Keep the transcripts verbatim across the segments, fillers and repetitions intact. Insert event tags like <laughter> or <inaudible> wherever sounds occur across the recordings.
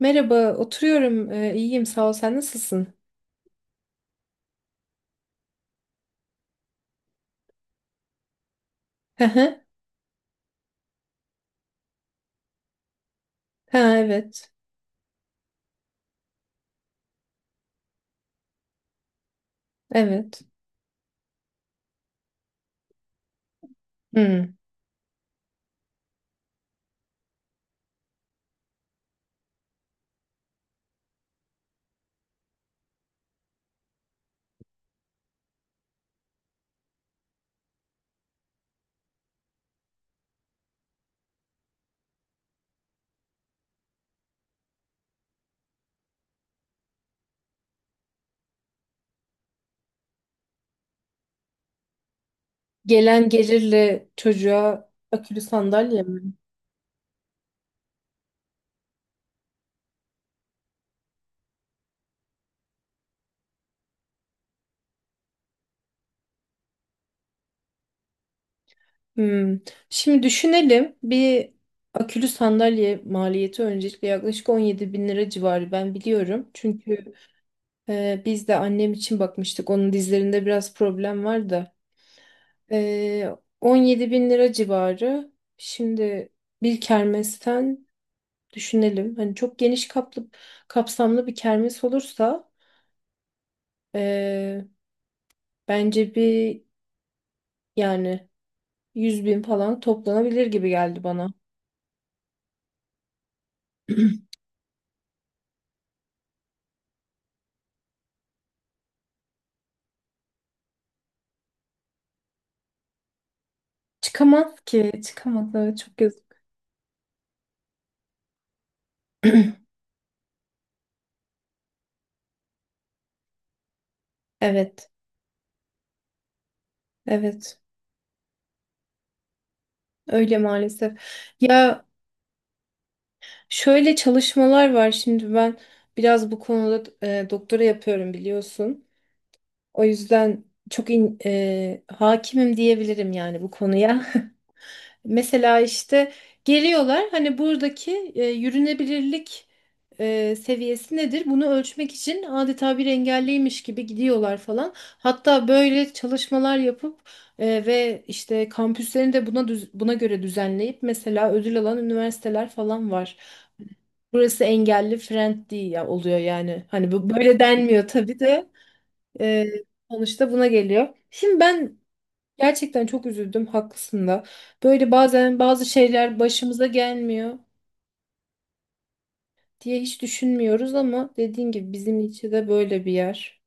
Merhaba, oturuyorum. Ee, iyiyim, sağ ol. Sen nasılsın? Hı hı. Ha, evet. Evet. Hmm. Gelen gelirle çocuğa akülü sandalye mi? Hmm. Şimdi düşünelim. Bir akülü sandalye maliyeti öncelikle yaklaşık on yedi bin lira civarı ben biliyorum. Çünkü e, biz de annem için bakmıştık. Onun dizlerinde biraz problem var da. E, on yedi bin lira civarı. Şimdi bir kermesten düşünelim. Hani çok geniş kaplı, kapsamlı bir kermes olursa eee, bence bir yani yüz bin falan toplanabilir gibi geldi bana. <clears throat> Çıkamaz ki. Çıkamaz. Evet, çok yazık. <clears throat> Evet. Evet. Öyle maalesef. Ya şöyle çalışmalar var. Şimdi ben biraz bu konuda e, doktora yapıyorum biliyorsun. O yüzden çok in- e, hakimim diyebilirim yani bu konuya. <laughs> Mesela işte geliyorlar hani buradaki e, yürünebilirlik e, seviyesi nedir? Bunu ölçmek için adeta bir engelliymiş gibi gidiyorlar falan. Hatta böyle çalışmalar yapıp e, ve işte kampüslerini de buna düz- buna göre düzenleyip mesela ödül alan üniversiteler falan var. Burası engelli friendly ya oluyor yani. Hani bu böyle denmiyor tabii de, e, sonuçta buna geliyor. Şimdi ben Gerçekten çok üzüldüm, haklısın da. Böyle bazen bazı şeyler başımıza gelmiyor diye hiç düşünmüyoruz ama dediğin gibi bizim için de böyle bir yer.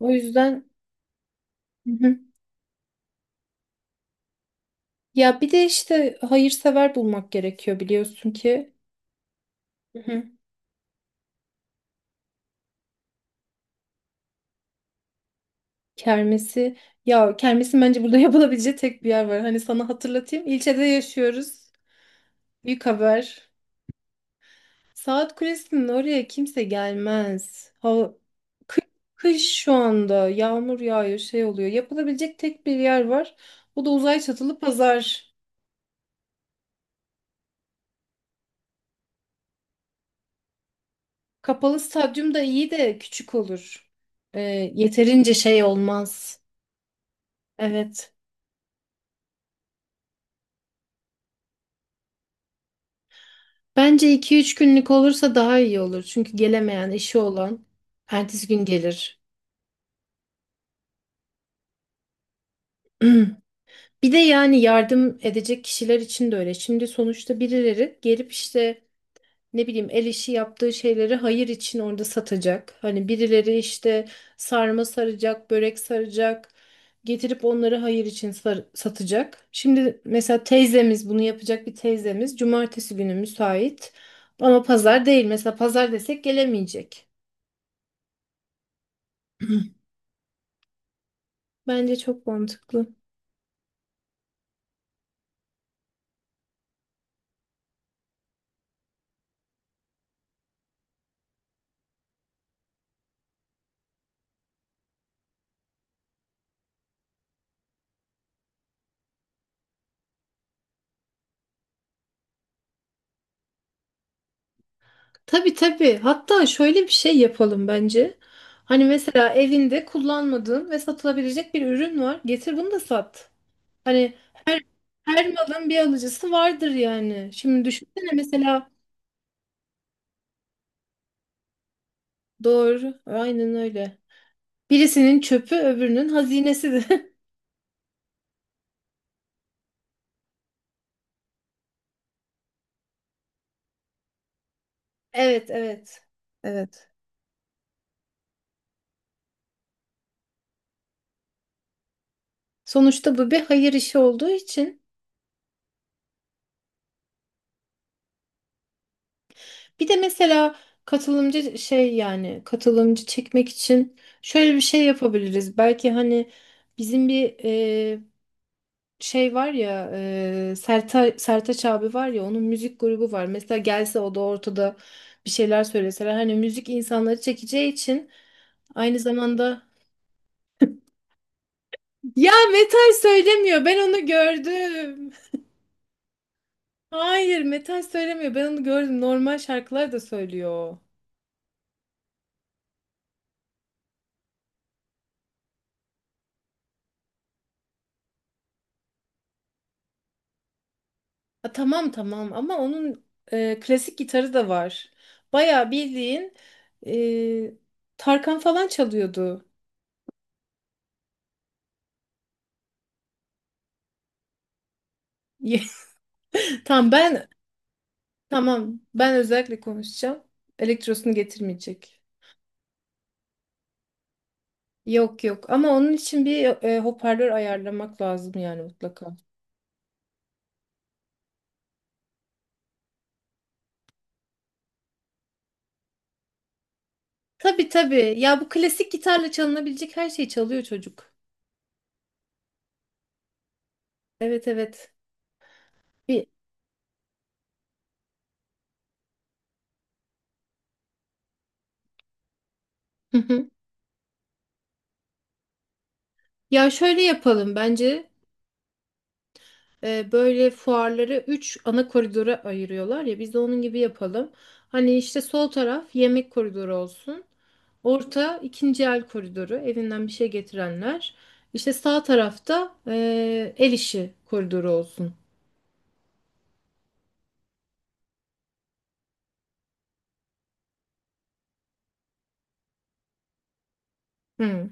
O yüzden. Hı hı. Ya bir de işte hayırsever bulmak gerekiyor biliyorsun ki. Hı hı. Kermesi Ya kermesin bence burada <laughs> yapılabileceği tek bir yer var. Hani sana hatırlatayım. İlçede yaşıyoruz. Büyük haber. Saat Kulesi'nin oraya kimse gelmez. Hava, kı- Kış şu anda yağmur yağıyor şey oluyor. Yapılabilecek tek bir yer var. O da uzay çatılı pazar. Kapalı stadyum da iyi de küçük olur. Ee, Yeterince şey olmaz. Evet. Bence iki üç günlük olursa daha iyi olur. Çünkü gelemeyen işi olan ertesi gün gelir. <clears throat> Bir de yani yardım edecek kişiler için de öyle. Şimdi sonuçta birileri gelip işte ne bileyim el işi yaptığı şeyleri hayır için orada satacak. Hani birileri işte sarma saracak, börek saracak, getirip onları hayır için sar- satacak. Şimdi mesela teyzemiz bunu yapacak, bir teyzemiz cumartesi günü müsait ama pazar değil. Mesela pazar desek gelemeyecek. <clears throat> Bence çok mantıklı. Tabii tabii. Hatta şöyle bir şey yapalım bence. Hani mesela evinde kullanmadığın ve satılabilecek bir ürün var. Getir bunu da sat. Hani her her malın bir alıcısı vardır yani. Şimdi düşünsene mesela doğru, aynen öyle. Birisinin çöpü öbürünün hazinesidir. <laughs> Evet, evet. Evet. Sonuçta bu bir hayır işi olduğu için. Bir de mesela katılımcı şey yani katılımcı çekmek için şöyle bir şey yapabiliriz. Belki hani bizim bir şey var ya, e, Serta, Sertaç abi var ya, onun müzik grubu var. Mesela gelse o da ortada bir şeyler söyleseler hani müzik insanları çekeceği için aynı zamanda ya metal söylemiyor, ben onu gördüm. Hayır metal söylemiyor, ben onu gördüm, normal şarkılar da söylüyor. Ha, tamam tamam, ama onun e, klasik gitarı da var. Bayağı bildiğin e, Tarkan falan çalıyordu. <laughs> Tamam ben Tamam, ben özellikle konuşacağım. Elektrosunu getirmeyecek. Yok yok, ama onun için bir e, hoparlör ayarlamak lazım yani mutlaka. Tabii tabii. Ya bu klasik gitarla çalınabilecek her şeyi çalıyor çocuk. Evet evet. Bir... Hı hı. Ya şöyle yapalım bence. E, böyle fuarları üç ana koridora ayırıyorlar ya, biz de onun gibi yapalım. Hani işte sol taraf yemek koridoru olsun. Orta ikinci el koridoru, evinden bir şey getirenler. İşte sağ tarafta e, el işi koridoru olsun. Hı,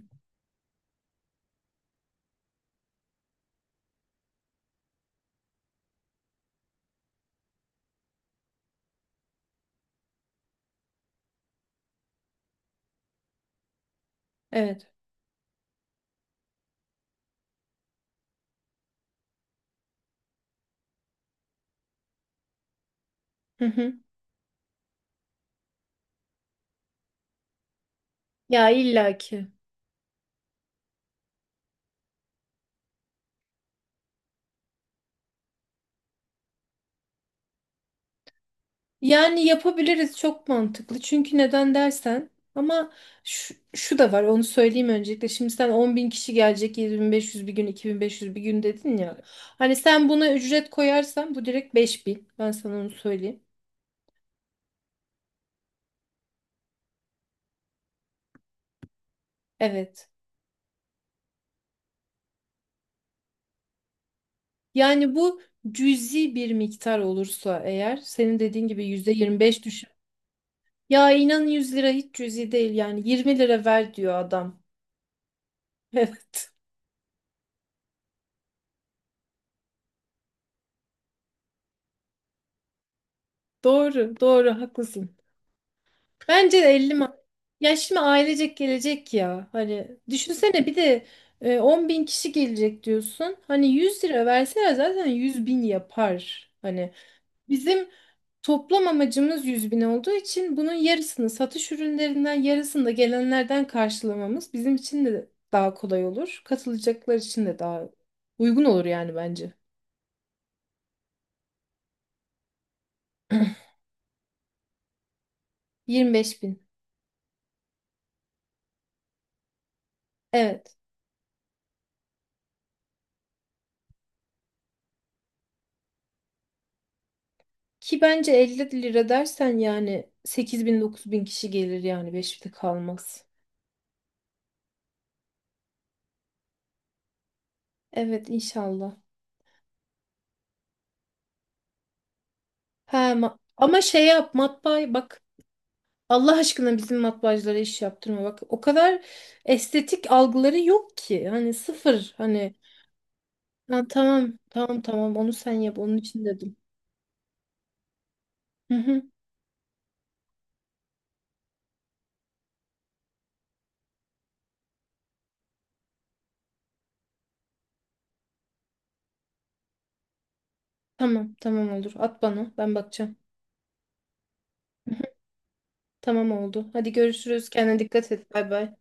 evet. Hı hı. Ya illaki. Yani yapabiliriz, çok mantıklı. Çünkü neden dersen ama şu, şu da var, onu söyleyeyim öncelikle. Şimdi sen on bin kişi gelecek, yedi bin beş yüz bir gün iki bin beş yüz bir gün dedin ya. Hani sen buna ücret koyarsan bu direkt beş bin, ben sana onu söyleyeyim. Evet yani bu cüzi bir miktar olursa eğer, senin dediğin gibi yüzde yirmi beş düşün. Ya inan yüz lira hiç cüzi değil, yani yirmi lira ver diyor adam. <laughs> Evet, doğru doğru haklısın. Bence de elli ma- ya şimdi ailecek gelecek ya. Hani düşünsene bir de e, on bin kişi gelecek diyorsun. Hani yüz lira verseler zaten yüz bin yapar. Hani bizim toplam amacımız yüz bin olduğu için bunun yarısını satış ürünlerinden, yarısını da gelenlerden karşılamamız bizim için de daha kolay olur. Katılacaklar için de daha uygun olur yani bence. <clears throat> yirmi beş bin. Evet. Ki bence elli lira dersen yani sekiz bin dokuz bin kişi gelir, yani beşte kalmaz. Evet inşallah. He, ma- ama şey yap, matbaa bak, Allah aşkına bizim matbaacılara iş yaptırma bak. O kadar estetik algıları yok ki. Hani sıfır hani, ha, tamam tamam tamam onu sen yap, onun için dedim. Hı hı, tamam tamam olur, at bana, ben bakacağım. Hı hı, tamam oldu. Hadi görüşürüz. Kendine dikkat et. Bay bay.